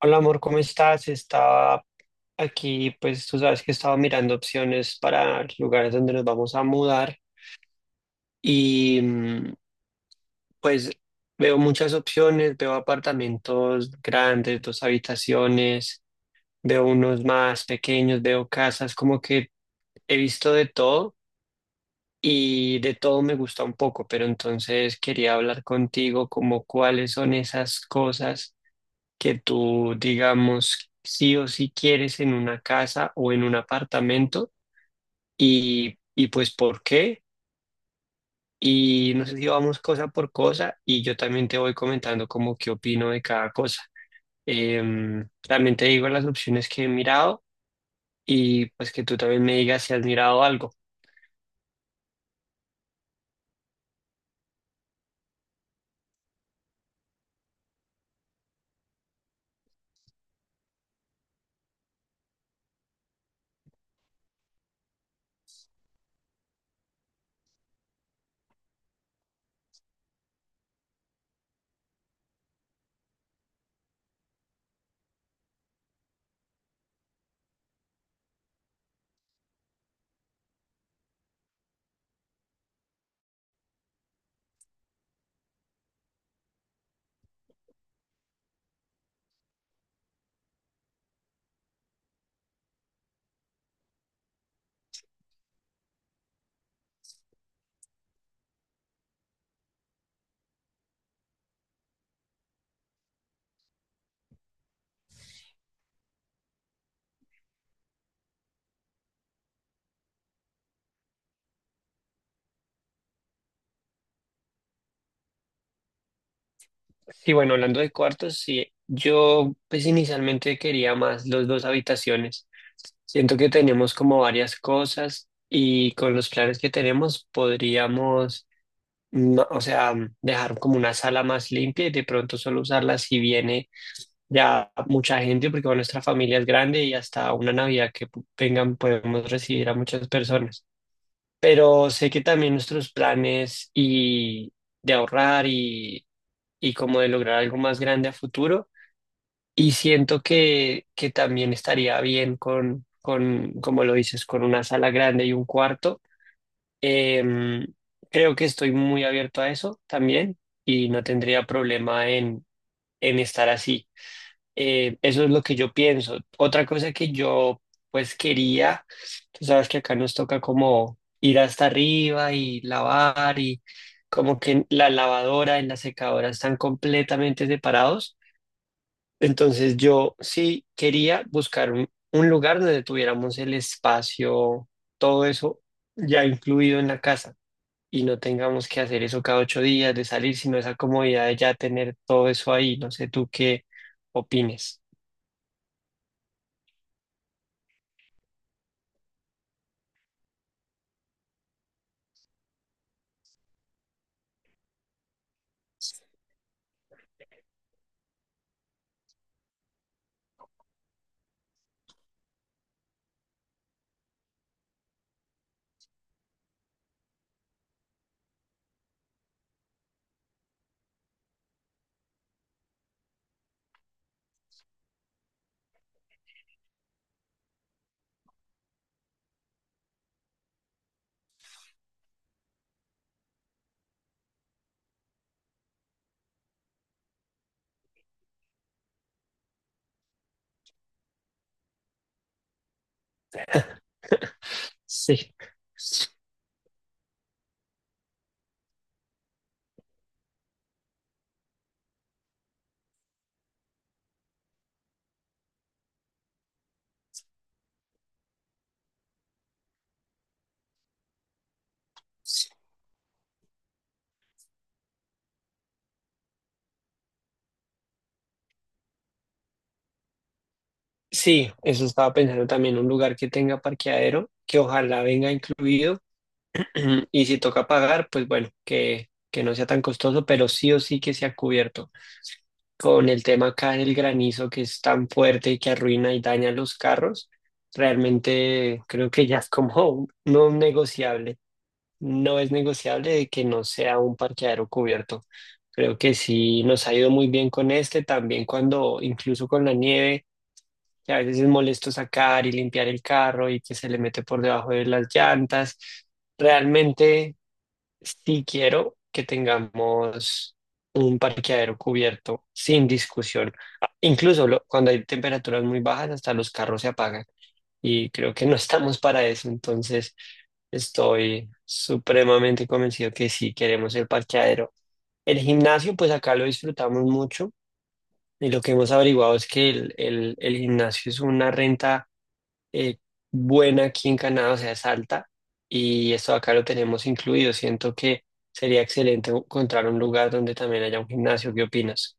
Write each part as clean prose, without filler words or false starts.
Hola amor, ¿cómo estás? Estaba aquí, pues tú sabes que estaba mirando opciones para lugares donde nos vamos a mudar y pues veo muchas opciones, veo apartamentos grandes, dos habitaciones, veo unos más pequeños, veo casas, como que he visto de todo y de todo me gusta un poco, pero entonces quería hablar contigo como cuáles son esas cosas que tú, digamos, sí o sí quieres en una casa o en un apartamento y pues por qué. Y no sé si vamos cosa por cosa y yo también te voy comentando como qué opino de cada cosa. También te digo las opciones que he mirado y pues que tú también me digas si has mirado algo. Sí, bueno, hablando de cuartos, sí, yo pues inicialmente quería más los dos habitaciones. Siento que tenemos como varias cosas y con los planes que tenemos podríamos, no, o sea, dejar como una sala más limpia y de pronto solo usarla si viene ya mucha gente, porque bueno, nuestra familia es grande y hasta una Navidad que vengan podemos recibir a muchas personas. Pero sé que también nuestros planes y de ahorrar y como de lograr algo más grande a futuro. Y siento que también estaría bien como lo dices, con una sala grande y un cuarto. Em, Creo que estoy muy abierto a eso también y no tendría problema en estar así. Eso es lo que yo pienso. Otra cosa que yo pues quería, tú sabes que acá nos toca como ir hasta arriba y lavar y como que la lavadora y la secadora están completamente separados. Entonces yo sí quería buscar un lugar donde tuviéramos el espacio, todo eso ya incluido en la casa y no tengamos que hacer eso cada 8 días de salir, sino esa comodidad de ya tener todo eso ahí. No sé tú qué opines. Sí. Sí, eso estaba pensando también, un lugar que tenga parqueadero, que ojalá venga incluido y si toca pagar, pues bueno, que no sea tan costoso, pero sí o sí que sea cubierto. Con el tema acá del granizo que es tan fuerte y que arruina y daña los carros, realmente creo que ya es como no un negociable. No es negociable de que no sea un parqueadero cubierto. Creo que sí nos ha ido muy bien con este, también cuando incluso con la nieve, que a veces es molesto sacar y limpiar el carro y que se le mete por debajo de las llantas. Realmente sí quiero que tengamos un parqueadero cubierto sin discusión. Ah, incluso cuando hay temperaturas muy bajas, hasta los carros se apagan. Y creo que no estamos para eso. Entonces, estoy supremamente convencido que sí queremos el parqueadero. El gimnasio, pues acá lo disfrutamos mucho. Y lo que hemos averiguado es que el gimnasio es una renta eh, buena aquí en Canadá, o sea, es alta, y esto acá lo tenemos incluido. Siento que sería excelente encontrar un lugar donde también haya un gimnasio. ¿Qué opinas?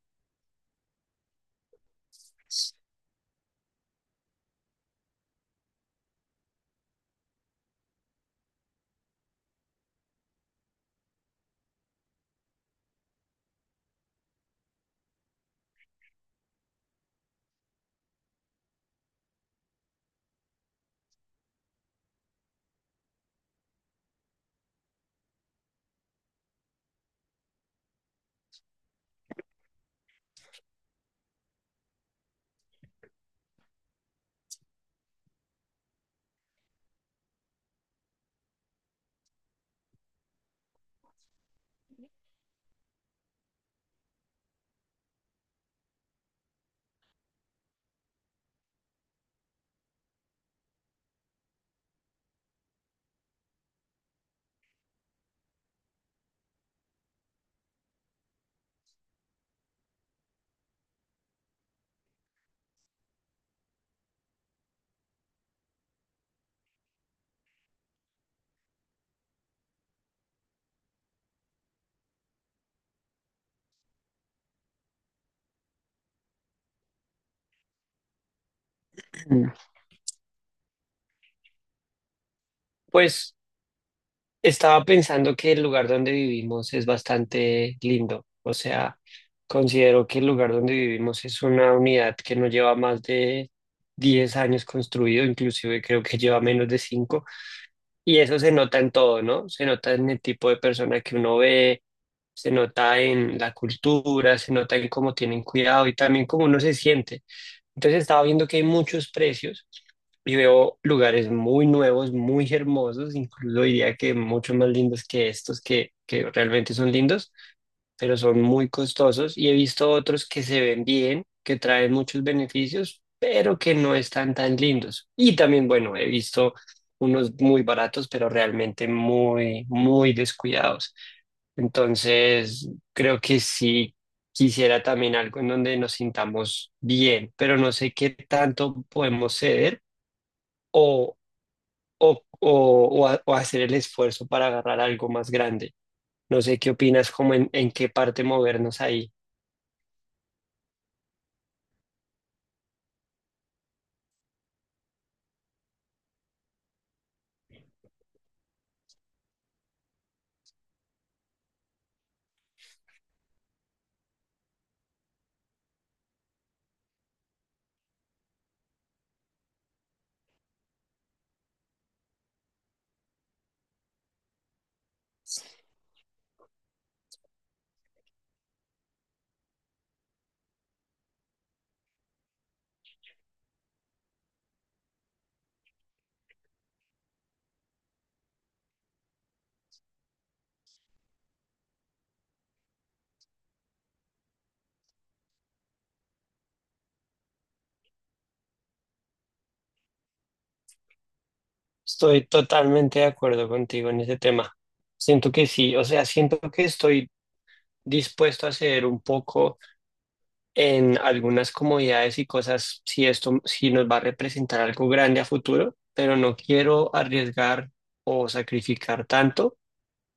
Mm. Pues estaba pensando que el lugar donde vivimos es bastante lindo, o sea, considero que el lugar donde vivimos es una unidad que no lleva más de 10 años construido, inclusive creo que lleva menos de 5 y eso se nota en todo, ¿no? Se nota en el tipo de persona que uno ve, se nota en la cultura, se nota en cómo tienen cuidado y también cómo uno se siente. Entonces estaba viendo que hay muchos precios y veo lugares muy nuevos, muy hermosos, incluso diría que mucho más lindos que estos que realmente son lindos, pero son muy costosos y he visto otros que se ven bien, que traen muchos beneficios, pero que no están tan lindos. Y también, bueno, he visto unos muy baratos, pero realmente muy, muy descuidados. Entonces, creo que sí quisiera también algo en donde nos sintamos bien, pero no sé qué tanto podemos ceder o, o, o, o hacer el esfuerzo para agarrar algo más grande. No sé qué opinas, como en qué parte movernos ahí. Estoy totalmente de acuerdo contigo en ese tema. Siento que sí, o sea, siento que estoy dispuesto a ceder un poco en algunas comodidades y cosas si esto si nos va a representar algo grande a futuro, pero no quiero arriesgar o sacrificar tanto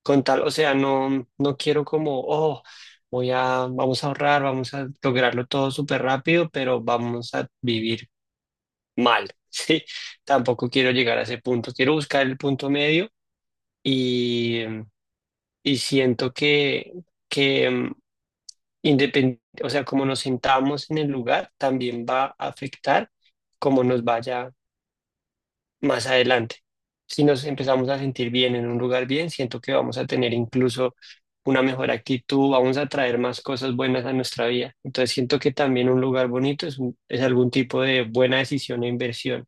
con tal, o sea, no quiero como, oh, voy a vamos a ahorrar, vamos a lograrlo todo súper rápido, pero vamos a vivir mal. Sí, tampoco quiero llegar a ese punto, quiero buscar el punto medio y y siento que o sea, como nos sentamos en el lugar, también va a afectar cómo nos vaya más adelante. Si nos empezamos a sentir bien en un lugar bien, siento que vamos a tener incluso una mejor actitud, vamos a traer más cosas buenas a nuestra vida. Entonces siento que también un lugar bonito es algún tipo de buena decisión e inversión.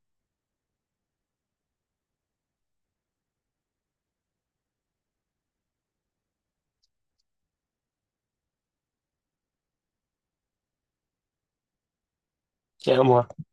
¡Qué amor! A,